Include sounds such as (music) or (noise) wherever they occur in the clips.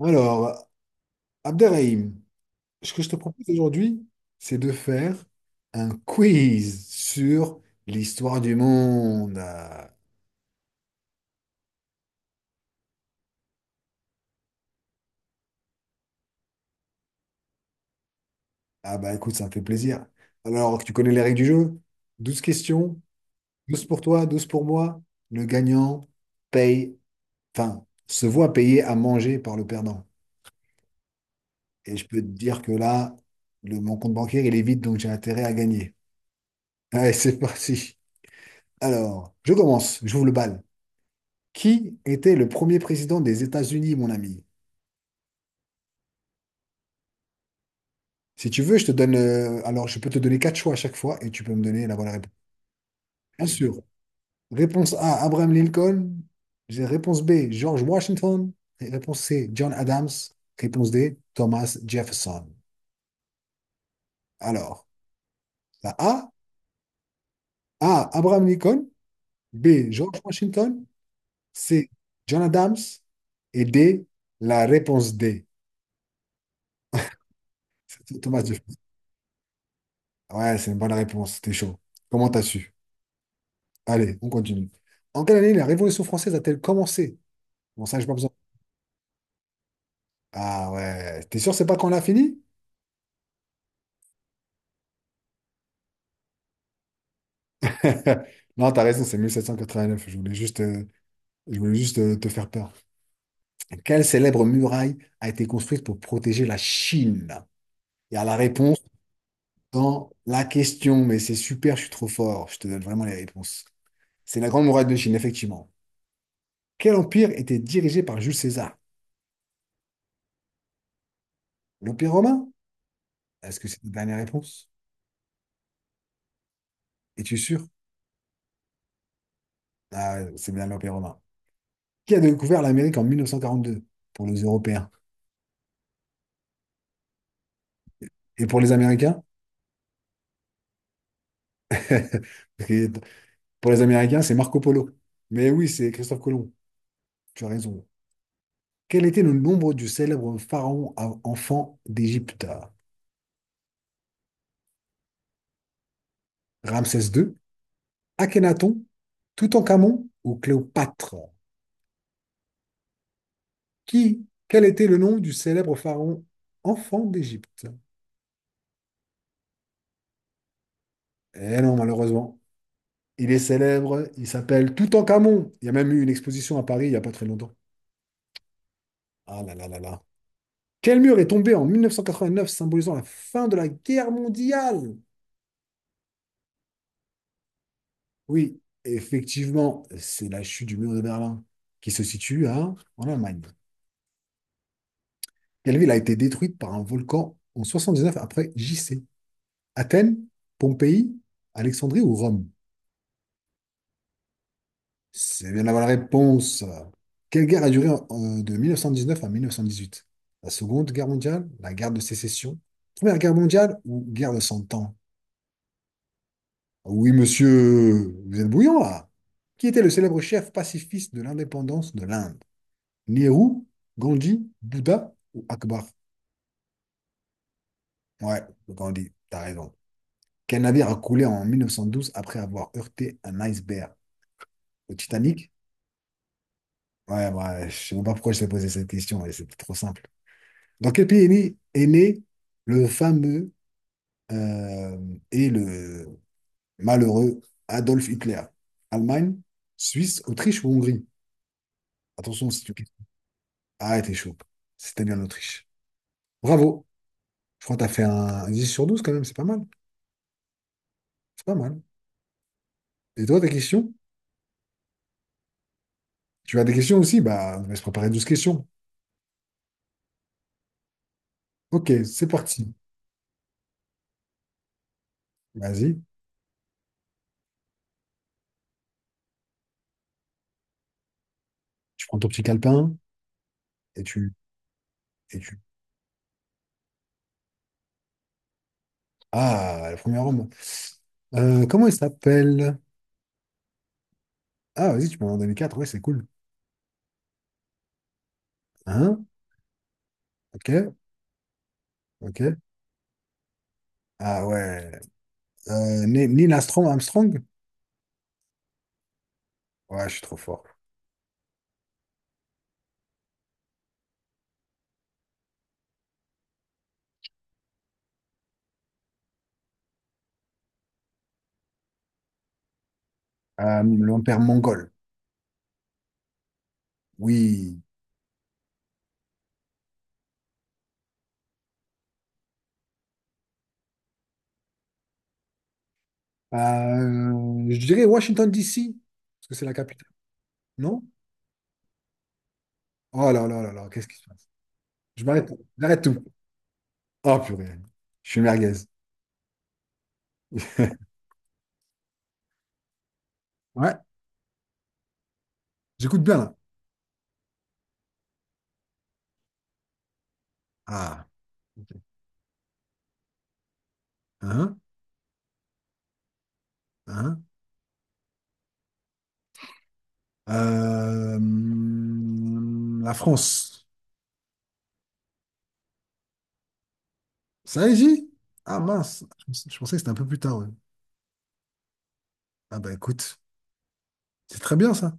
Alors, Abderrahim, ce que je te propose aujourd'hui, c'est de faire un quiz sur l'histoire du monde. Ah bah écoute, ça me fait plaisir. Alors, tu connais les règles du jeu? 12 questions, 12 pour toi, 12 pour moi. Le gagnant paye, enfin, se voit payer à manger par le perdant. Et je peux te dire que là, mon compte bancaire, il est vide, donc j'ai intérêt à gagner. Allez, (laughs) c'est parti. Alors, je commence, j'ouvre le bal. Qui était le premier président des États-Unis, mon ami? Si tu veux, je peux te donner quatre choix à chaque fois et tu peux me donner la bonne réponse. Bien sûr. Réponse A, Abraham Lincoln. Réponse B, George Washington. Et réponse C, John Adams. Réponse D, Thomas Jefferson. Alors, la A, A, Abraham Lincoln. B, George Washington. C, John Adams. Et D, la réponse D, c'est Thomas Jefferson. Ouais, c'est une bonne réponse. T'es chaud. Comment t'as su? Allez, on continue. En quelle année la Révolution française a-t-elle commencé? Bon, ça, j'ai pas besoin. Ah ouais, t'es sûr, c'est pas quand on a fini? (laughs) Non, t'as raison, c'est 1789. Je voulais juste te faire peur. Quelle célèbre muraille a été construite pour protéger la Chine? Il y a la réponse dans la question, mais c'est super, je suis trop fort. Je te donne vraiment les réponses. C'est la Grande Muraille de Chine, effectivement. Quel empire était dirigé par Jules César? L'Empire romain? Est-ce que c'est ta dernière réponse? Es-tu sûr? Ah, c'est bien l'Empire romain. Qui a découvert l'Amérique en 1942 pour les Européens? Et pour les Américains? (laughs) Parce que pour les Américains, c'est Marco Polo. Mais oui, c'est Christophe Colomb. Tu as raison. Quel était le nombre du célèbre pharaon enfant d'Égypte? Ramsès II, Akhenaton, Toutankhamon ou Cléopâtre? Qui? Quel était le nom du célèbre pharaon enfant d'Égypte? Eh non, malheureusement. Il est célèbre, il s'appelle Toutankhamon. Il y a même eu une exposition à Paris il n'y a pas très longtemps. Ah là là là là. Quel mur est tombé en 1989 symbolisant la fin de la guerre mondiale? Oui, effectivement, c'est la chute du mur de Berlin qui se situe en Allemagne. Quelle ville a été détruite par un volcan en 79 après J-C? Athènes, Pompéi, Alexandrie ou Rome? C'est bien d'avoir la réponse. Quelle guerre a duré de 1919 à 1918? La Seconde Guerre mondiale, la guerre de sécession, Première Guerre mondiale ou guerre de Cent Ans? Oui, monsieur, vous êtes bouillant là. Qui était le célèbre chef pacifiste de l'indépendance de l'Inde? Nehru, Gandhi, Bouddha ou Akbar? Ouais, Gandhi, t'as raison. Quel navire a coulé en 1912 après avoir heurté un iceberg? Le Titanic? Ouais, ouais, je sais même pas pourquoi je t'ai posé cette question, mais c'était trop simple. Dans quel pays est né le fameux euh, et le malheureux Adolf Hitler? Allemagne, Suisse, Autriche ou Hongrie? Attention, si tu Ah, t'es chaud. C'était bien l'Autriche. Bravo. Je crois que t'as fait un 10 sur 12 quand même, c'est pas mal. C'est pas mal. Et toi, tes questions? Tu as des questions aussi? Bah, on va se préparer douze questions. Ok, c'est parti. Vas-y. Tu prends ton petit calepin et Et tu... Ah, le premier homme. Comment il s'appelle? Ah, vas-y, tu peux m'en donner 4. Ouais, c'est cool. Hein? Ok, ok. Ah ouais. Neil Armstrong, Armstrong? Ouais, je suis trop fort. L'empire mongol. Oui. Je dirais Washington, D.C., parce que c'est la capitale, non? Oh là là là là, qu'est-ce qui se passe? Je m'arrête, j'arrête tout. Oh purée, je suis merguez. (laughs) Ouais, j'écoute bien là. Ah, ok. Hein, hein. La France, ça y est, j'y ah mince, je pensais que c'était un peu plus tard. Ouais. Ah bah écoute, c'est très bien ça.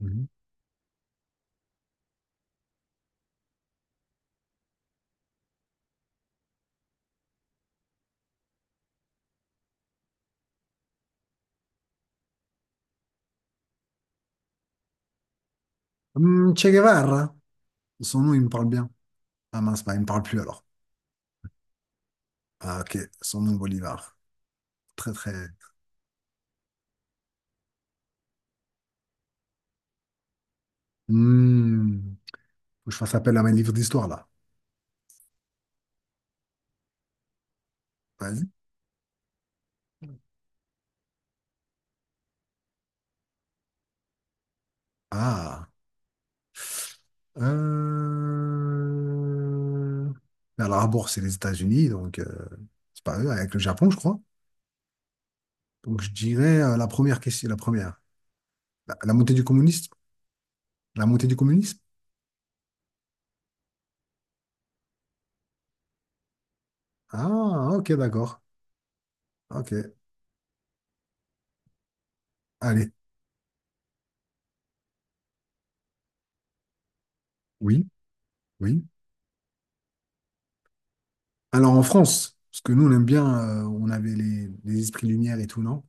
Mhm. Che Guevara, son nom il me parle bien. Ah mince, bah, il me parle plus alors. Ah ok, son nom Bolivar. Très très. Hmm. Faut que je fasse appel à mes livres d'histoire, là. Vas-y. Ah. Euh... Pearl Harbor, c'est les États-Unis, donc c'est pas eux, avec le Japon, je crois. Donc je dirais la première. La montée du communisme? La montée du communisme? Ah, ok, d'accord. Ok. Allez. Oui, oui. Alors en France, parce que nous, on aime bien, on avait les esprits lumière et tout, non?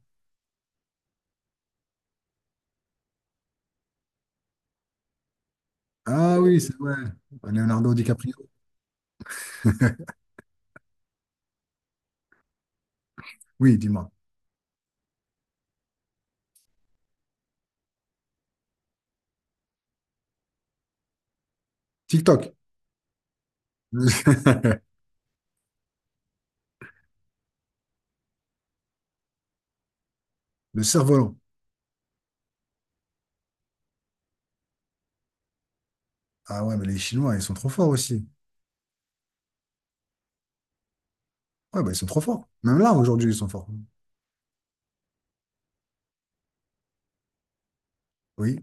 Ah oui, c'est vrai. Leonardo DiCaprio. (laughs) Oui, dis-moi. TikTok. (laughs) Le cerf-volant. Ah ouais, mais les Chinois, ils sont trop forts aussi. Ouais, bah ils sont trop forts. Même là, aujourd'hui, ils sont forts. Oui.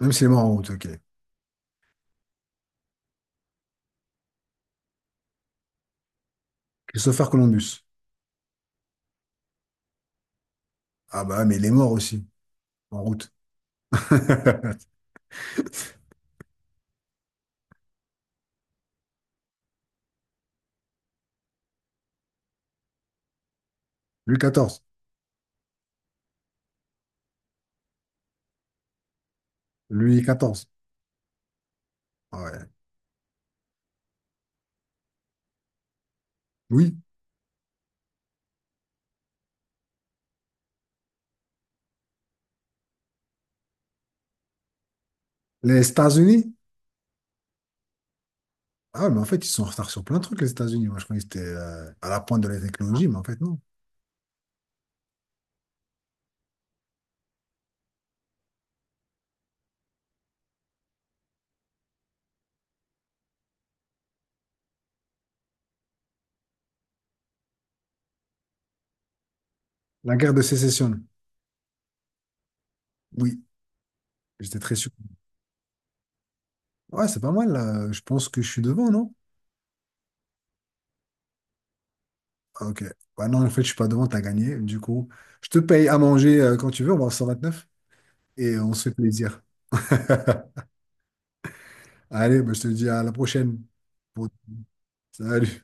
Même s'il est mort en route, ok. Christopher Columbus. Ah bah, mais il est mort aussi, en route. (laughs) Louis XIV. Louis XIV. Ah ouais. Oui. Les États-Unis? Ah, mais en fait, ils sont en retard sur plein de trucs, les États-Unis. Moi, je croyais que c'était à la pointe de la technologie, mais en fait, non. La guerre de sécession. Oui. J'étais très sûr. Ouais, c'est pas mal, là. Je pense que je suis devant, non? Ok. Bah non, en fait, je suis pas devant, t'as gagné. Du coup, je te paye à manger quand tu veux, on va en 129 et on se fait plaisir. (laughs) Allez, bah, je te dis à la prochaine. Bon, salut.